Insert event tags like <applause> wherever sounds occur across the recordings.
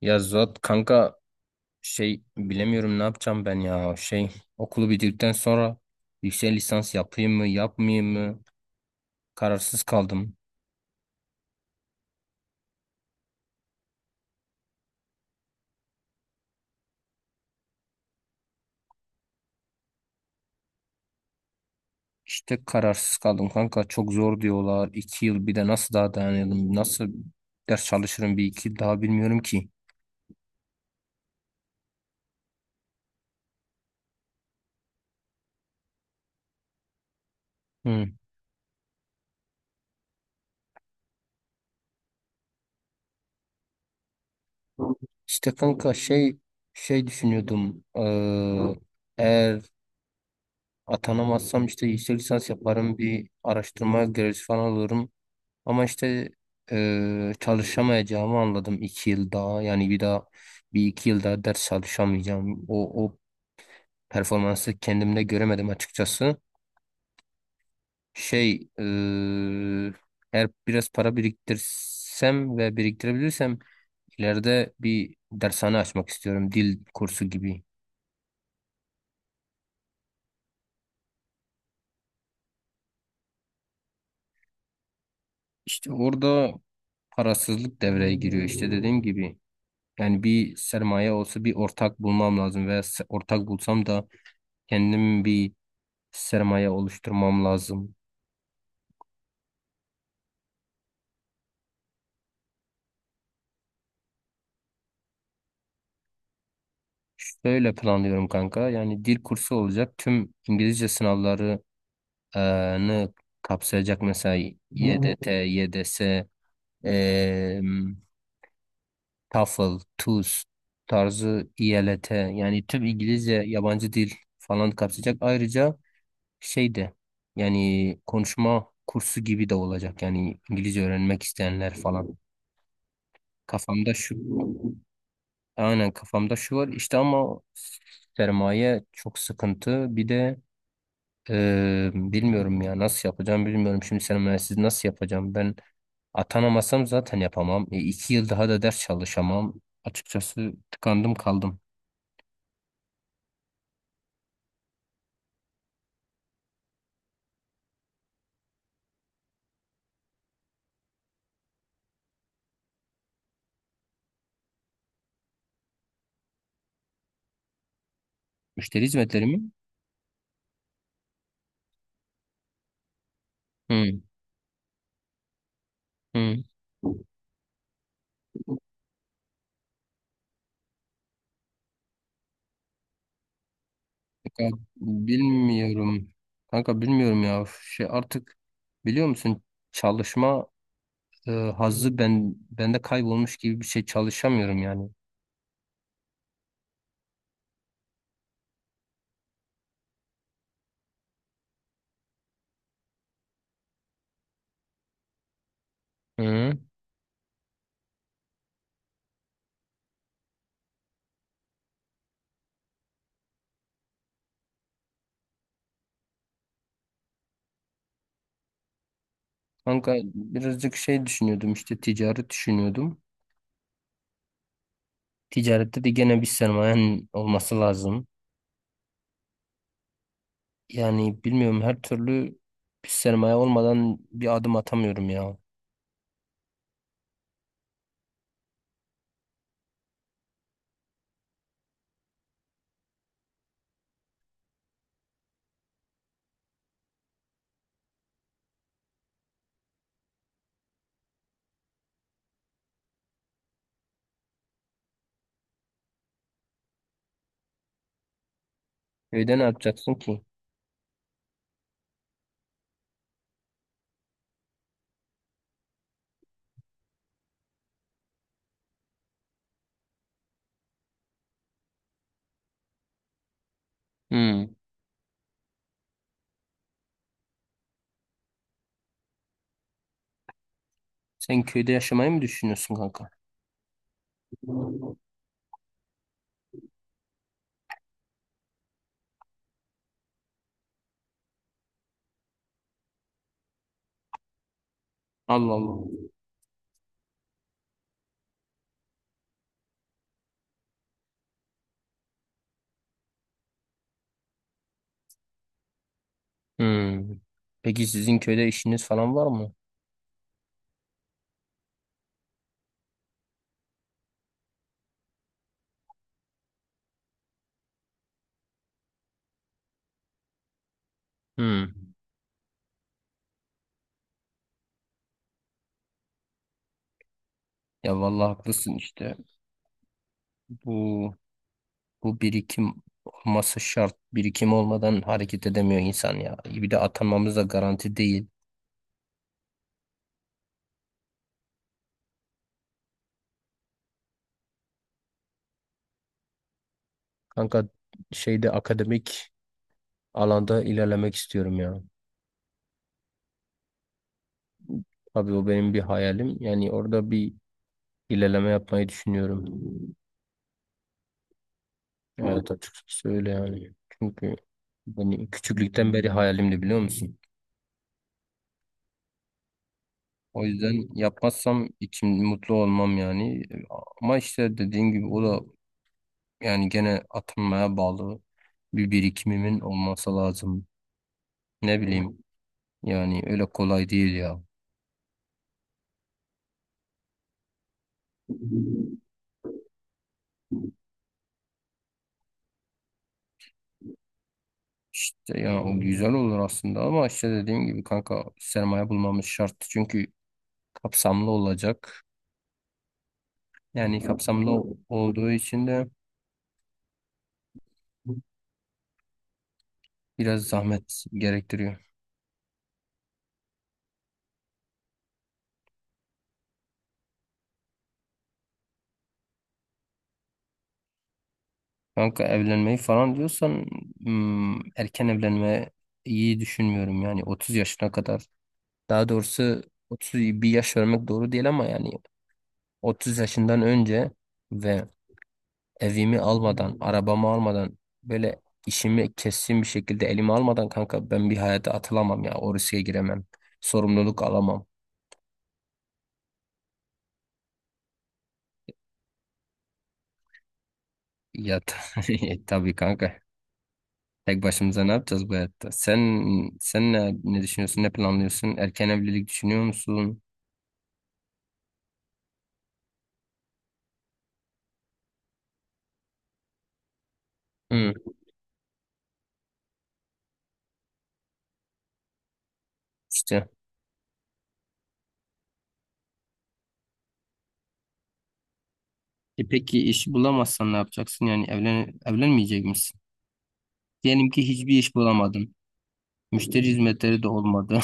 Ya Zuhat kanka, bilemiyorum ne yapacağım ben ya. Şey okulu bitirdikten sonra yüksek lisans yapayım mı yapmayayım mı, kararsız kaldım. İşte kararsız kaldım kanka, çok zor diyorlar iki yıl. Bir de nasıl daha dayanırım, nasıl ders çalışırım bir iki yıl daha, bilmiyorum ki. Hı. İşte kanka, düşünüyordum, eğer atanamazsam işte yüksek lisans yaparım, bir araştırma görevlisi falan olurum. Ama işte çalışamayacağımı anladım iki yıl daha. Yani bir daha, bir iki yıl daha ders çalışamayacağım. O performansı kendimde göremedim açıkçası. Şey eee, eğer biraz para biriktirsem ve biriktirebilirsem ileride bir dershane açmak istiyorum. Dil kursu gibi. İşte orada parasızlık devreye giriyor. İşte dediğim gibi. Yani bir sermaye olsa, bir ortak bulmam lazım veya ortak bulsam da kendim bir sermaye oluşturmam lazım. Şöyle planlıyorum kanka. Yani dil kursu olacak. Tüm İngilizce sınavlarını kapsayacak, mesela YDT, YDS, eee TOEFL, TUS tarzı, IELTS, yani tüm İngilizce yabancı dil falan kapsayacak. Ayrıca şey de, yani konuşma kursu gibi de olacak. Yani İngilizce öğrenmek isteyenler falan. Kafamda şu. Aynen kafamda şu var işte, ama sermaye çok sıkıntı. Bir de bilmiyorum ya, nasıl yapacağım bilmiyorum. Şimdi sermayesiz nasıl yapacağım? Ben atanamasam zaten yapamam. E, iki yıl daha da ders çalışamam. Açıkçası tıkandım kaldım. Müşteri hizmetleri mi? Hı, hı. Kanka, bilmiyorum. Kanka bilmiyorum ya. Şey artık, biliyor musun, çalışma hazzı bende kaybolmuş gibi bir şey, çalışamıyorum yani. Hı. Kanka birazcık şey düşünüyordum, işte ticaret düşünüyordum. Ticarette de gene bir sermayen olması lazım. Yani bilmiyorum, her türlü bir sermaye olmadan bir adım atamıyorum ya. Köyde ne yapacaksın ki? Hmm. Sen köyde yaşamayı mı düşünüyorsun kanka? Allah Allah. Hmm. Peki sizin köyde işiniz falan var mı? Hmm. Ya vallahi haklısın işte. Bu bu birikim olması şart. Birikim olmadan hareket edemiyor insan ya. Bir de atanmamız da garanti değil. Kanka, şeyde, akademik alanda ilerlemek istiyorum ya. Abi o benim bir hayalim. Yani orada bir ilerleme yapmayı düşünüyorum. Evet, açıkçası öyle yani. Çünkü benim küçüklükten beri hayalimdi, biliyor musun? O yüzden yapmazsam içim mutlu olmam yani. Ama işte dediğin gibi, o da yani gene atılmaya bağlı, bir birikimimin olması lazım. Ne bileyim, yani öyle kolay değil ya. İşte ya o güzel olur aslında, ama işte dediğim gibi kanka, sermaye bulmamız şart. Çünkü kapsamlı olacak. Yani kapsamlı olduğu için de biraz zahmet gerektiriyor. Kanka, evlenmeyi falan diyorsan, erken evlenme iyi düşünmüyorum, yani 30 yaşına kadar. Daha doğrusu 30 bir yaş vermek doğru değil ama, yani 30 yaşından önce ve evimi almadan, arabamı almadan, böyle işimi kesin bir şekilde elime almadan, kanka ben bir hayata atılamam ya. O riske giremem. Sorumluluk alamam. <laughs> Tabii kanka. Tek başımıza ne yapacağız bu hayatta? Sen ne düşünüyorsun? Ne planlıyorsun? Erken evlilik düşünüyor musun? Hı, işte. E peki iş bulamazsan ne yapacaksın? Yani evlenmeyecek misin? Diyelim ki hiçbir iş bulamadın. Müşteri hizmetleri de olmadı.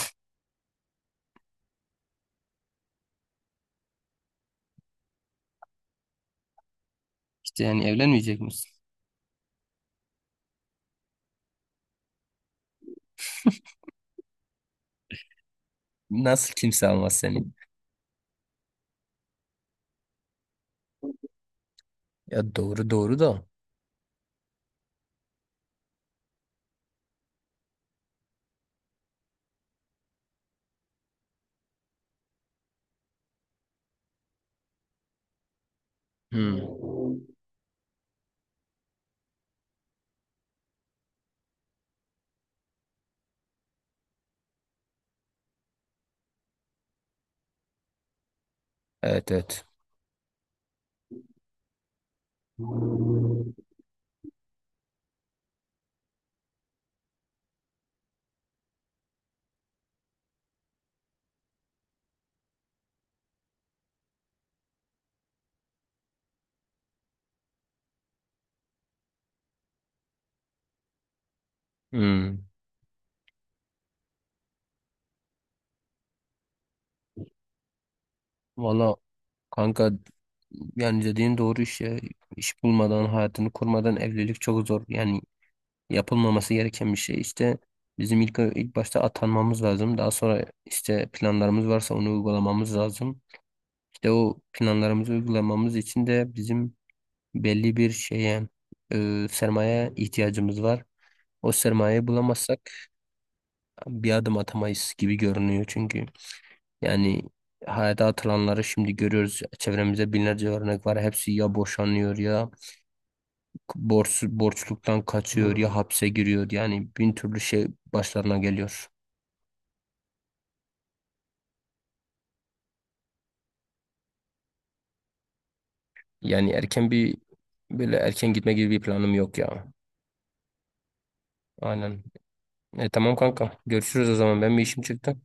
<laughs> İşte, yani evlenmeyecek misin? Nasıl kimse almaz seni? Ya doğru, doğru da. Hmm. Evet, evet. Hmm. Valla kanka, yani dediğin doğru iş ya. İş bulmadan, hayatını kurmadan evlilik çok zor. Yani yapılmaması gereken bir şey. İşte bizim ilk başta atanmamız lazım. Daha sonra işte planlarımız varsa onu uygulamamız lazım. İşte o planlarımızı uygulamamız için de bizim belli bir şeye, sermaye ihtiyacımız var. O sermayeyi bulamazsak bir adım atamayız gibi görünüyor çünkü. Yani hayata atılanları şimdi görüyoruz. Çevremizde binlerce örnek var. Hepsi ya boşanıyor, ya borçluktan kaçıyor, ya hapse giriyor. Yani bin türlü şey başlarına geliyor. Yani erken bir, böyle erken gitme gibi bir planım yok ya. Aynen. E, tamam kanka. Görüşürüz o zaman. Ben, bir işim çıktı.